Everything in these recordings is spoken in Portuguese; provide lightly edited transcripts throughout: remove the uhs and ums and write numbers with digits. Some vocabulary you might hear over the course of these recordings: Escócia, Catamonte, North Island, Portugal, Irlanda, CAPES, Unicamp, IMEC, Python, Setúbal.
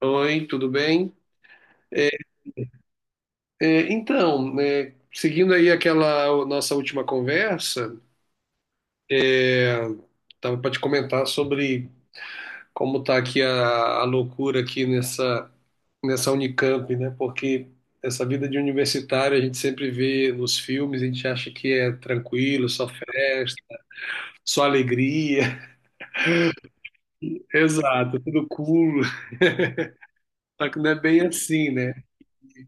Oi, tudo bem? É, então, é, seguindo aí aquela nossa última conversa, estava para te comentar sobre como está aqui a loucura aqui nessa Unicamp, né? Porque essa vida de universitário a gente sempre vê nos filmes, a gente acha que é tranquilo, só festa, só alegria. Exato, tudo cool. Só que não é bem assim, né? E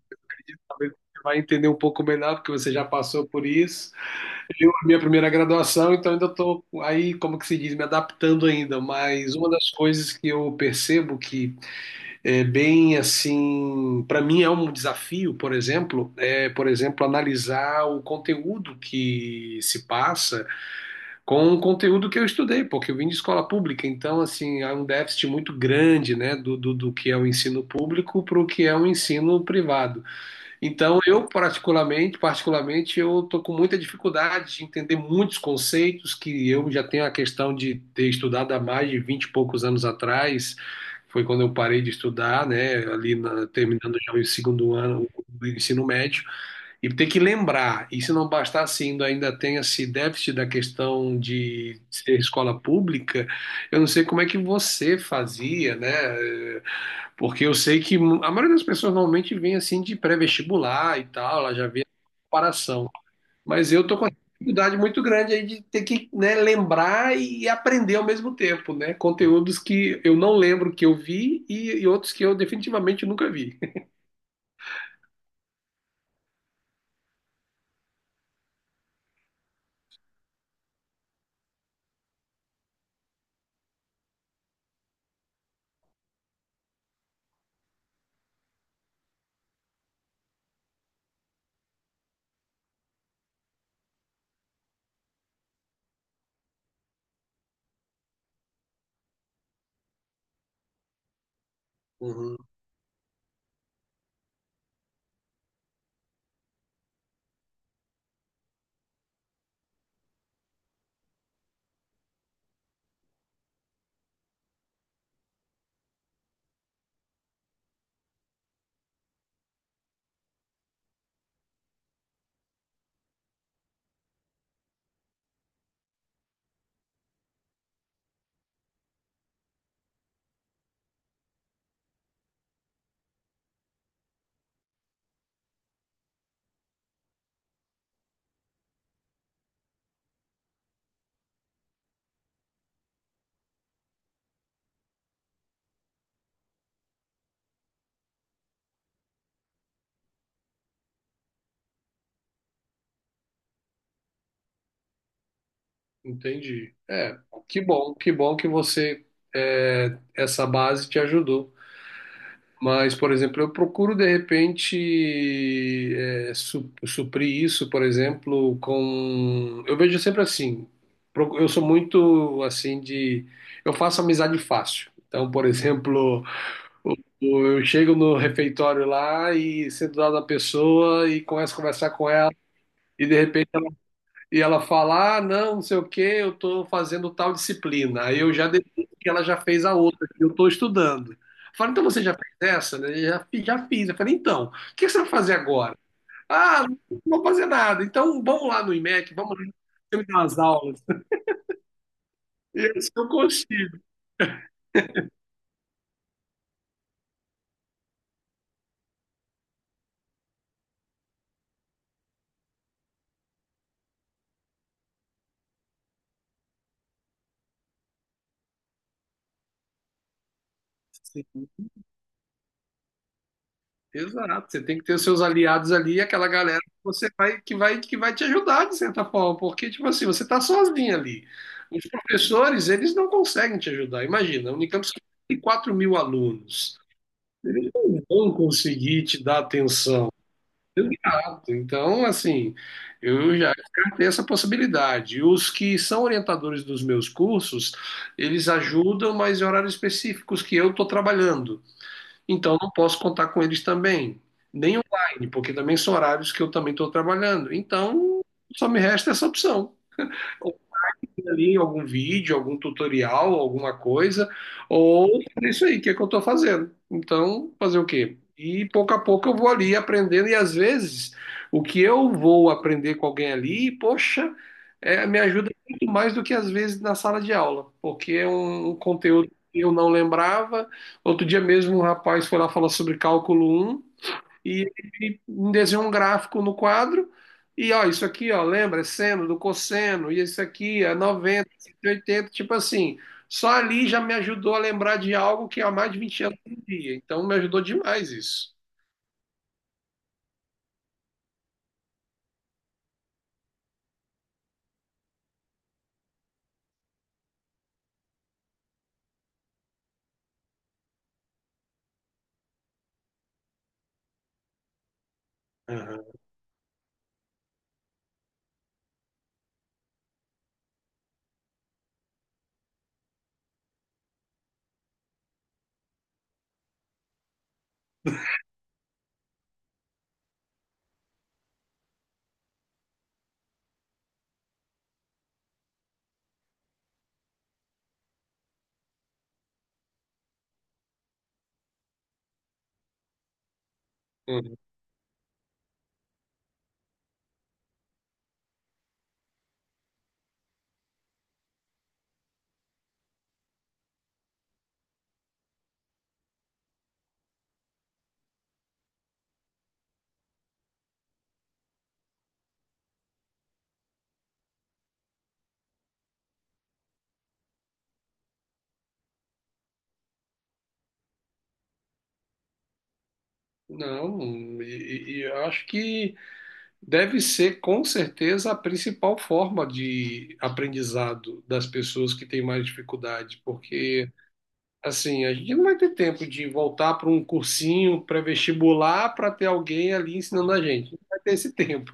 talvez você vai entender um pouco melhor, porque você já passou por isso. Eu, a minha primeira graduação, então ainda estou aí, como que se diz, me adaptando ainda, mas uma das coisas que eu percebo que é bem assim, para mim é um desafio, por exemplo, é, por exemplo, analisar o conteúdo que se passa com o conteúdo que eu estudei, porque eu vim de escola pública, então assim, há um déficit muito grande, né, do que é o ensino público para o que é o ensino privado. Então, eu particularmente, particularmente, eu tô com muita dificuldade de entender muitos conceitos que eu já tenho a questão de ter estudado há mais de 20 e poucos anos atrás. Foi quando eu parei de estudar, né, terminando já o segundo ano do ensino médio, e ter que lembrar. E se não bastasse ainda, ainda tem esse déficit da questão de ser escola pública, eu não sei como é que você fazia, né? Porque eu sei que a maioria das pessoas normalmente vem assim de pré-vestibular e tal, ela já vê a comparação. Mas eu tô com uma dificuldade muito grande aí de ter que, né, lembrar e aprender ao mesmo tempo, né? Conteúdos que eu não lembro que eu vi e outros que eu definitivamente nunca vi. Uhum, entendi. É, que bom, que bom que você, é, essa base te ajudou. Mas, por exemplo, eu procuro de repente suprir isso, por exemplo, com. Eu vejo sempre assim. Eu sou muito assim de. Eu faço amizade fácil. Então, por exemplo, o- eu chego no refeitório lá e sento do lado da pessoa e começo a conversar com ela. E de repente ela fala: Ah, não, não sei o que, eu estou fazendo tal disciplina. Aí eu já deduzo que ela já fez a outra, que eu estou estudando. Eu falo, então você já fez essa? Né? Já, já fiz. Eu falei, então, o que você vai fazer agora? Ah, não vou fazer nada. Então vamos lá no IMEC, vamos lá, você me dá umas aulas. E eu consigo. Assim. Exato, você tem que ter os seus aliados ali, aquela galera que você vai que vai que vai te ajudar de certa forma, porque tipo assim, você está sozinho ali. Os professores, eles não conseguem te ajudar. Imagina, a Unicamp só tem 4 mil alunos, não conseguir te dar atenção. Exato. Então, assim, eu já descartei essa possibilidade. Os que são orientadores dos meus cursos, eles ajudam, mas em horários específicos que eu estou trabalhando. Então não posso contar com eles também, nem online, porque também são horários que eu também estou trabalhando. Então só me resta essa opção. Ou ali em algum vídeo, algum tutorial, alguma coisa, ou é isso aí, que é que eu estou fazendo. Então, fazer o quê? E pouco a pouco eu vou ali aprendendo, e às vezes o que eu vou aprender com alguém ali, poxa, é, me ajuda muito mais do que às vezes na sala de aula, porque é um conteúdo que eu não lembrava. Outro dia mesmo um rapaz foi lá falar sobre cálculo um. E ele desenhou um gráfico no quadro. E ó, isso aqui, ó, lembra? É seno do cosseno, e isso aqui é 90, 80 tipo assim. Só ali já me ajudou a lembrar de algo que há mais de 20 anos eu não via. Então me ajudou demais isso. Aham. Uhum. Não, e eu acho que deve ser com certeza a principal forma de aprendizado das pessoas que têm mais dificuldade, porque assim, a gente não vai ter tempo de voltar para um cursinho pré-vestibular para ter alguém ali ensinando a gente. Não vai ter esse tempo.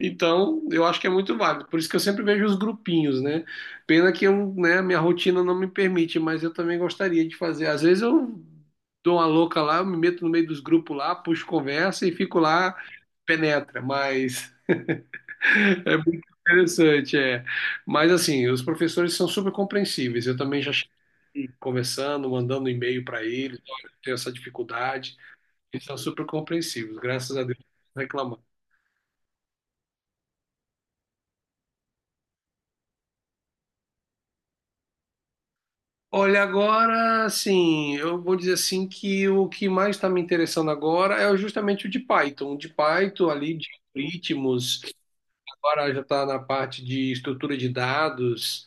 Então, eu acho que é muito válido. Por isso que eu sempre vejo os grupinhos, né? Pena que eu, né, a minha rotina não me permite, mas eu também gostaria de fazer. Às vezes eu dou uma louca lá, eu me meto no meio dos grupos lá, puxo conversa e fico lá, penetra. Mas é muito interessante, é. Mas assim, os professores são super compreensíveis. Eu também já e conversando, mandando e-mail para eles, olha, eu tenho essa dificuldade. Eles são super compreensivos, graças a Deus, não reclamam. Olha, agora, assim, eu vou dizer assim que o que mais está me interessando agora é justamente o de Python ali, de ritmos, agora já está na parte de estrutura de dados.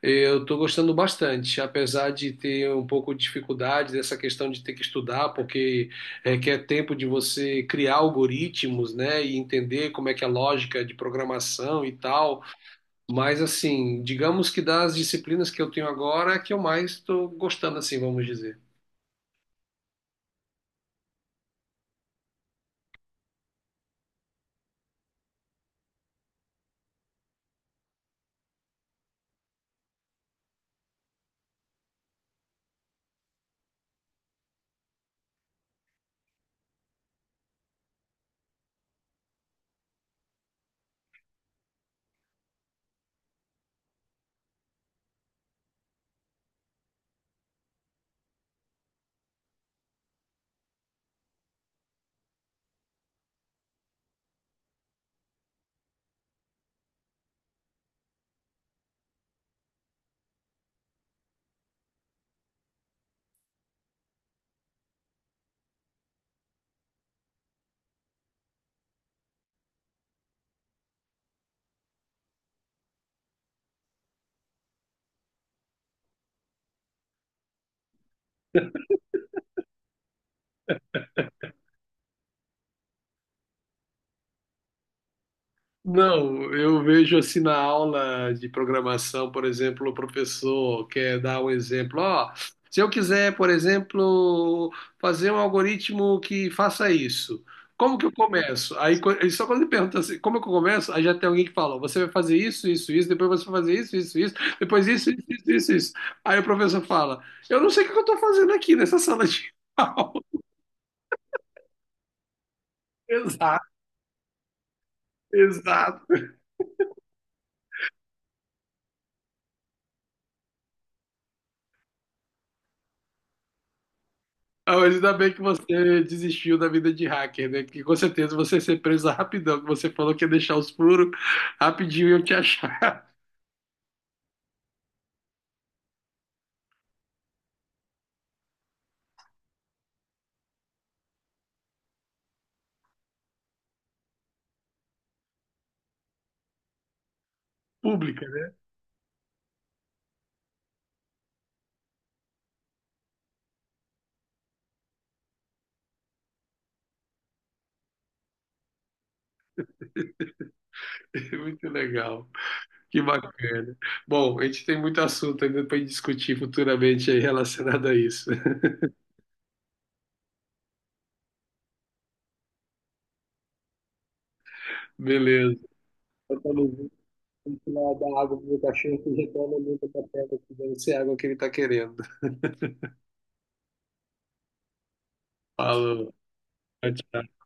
Eu estou gostando bastante, apesar de ter um pouco de dificuldade dessa questão de ter que estudar, porque requer tempo de você criar algoritmos, né, e entender como é que é a lógica de programação e tal. Mas assim, digamos que das disciplinas que eu tenho agora, é a que eu mais estou gostando, assim, vamos dizer. Não, eu vejo assim na aula de programação, por exemplo, o professor quer dar um exemplo. Ó, se eu quiser, por exemplo, fazer um algoritmo que faça isso, como que eu começo? Aí e só quando ele pergunta assim, como que eu começo? Aí já tem alguém que fala, você vai fazer isso, isso, isso, depois você vai fazer isso, isso, isso, depois isso, isso, isso, isso. Isso. Aí o professor fala, eu não sei o que eu estou fazendo aqui nessa sala de aula. Exato, exato. Ah, mas ainda bem que você desistiu da vida de hacker, né? Que com certeza você ia ser preso rapidão, que você falou que ia deixar os furos rapidinho e eu te achar. Pública, né? Muito legal, que bacana. Bom, a gente tem muito assunto ainda para discutir futuramente aí relacionado a isso. Beleza. Eu tô no- Vou lá dar água pro meu cachorro que reclama muito da pedra, que deve água que ele tá querendo. Falou. Tchau, tchau.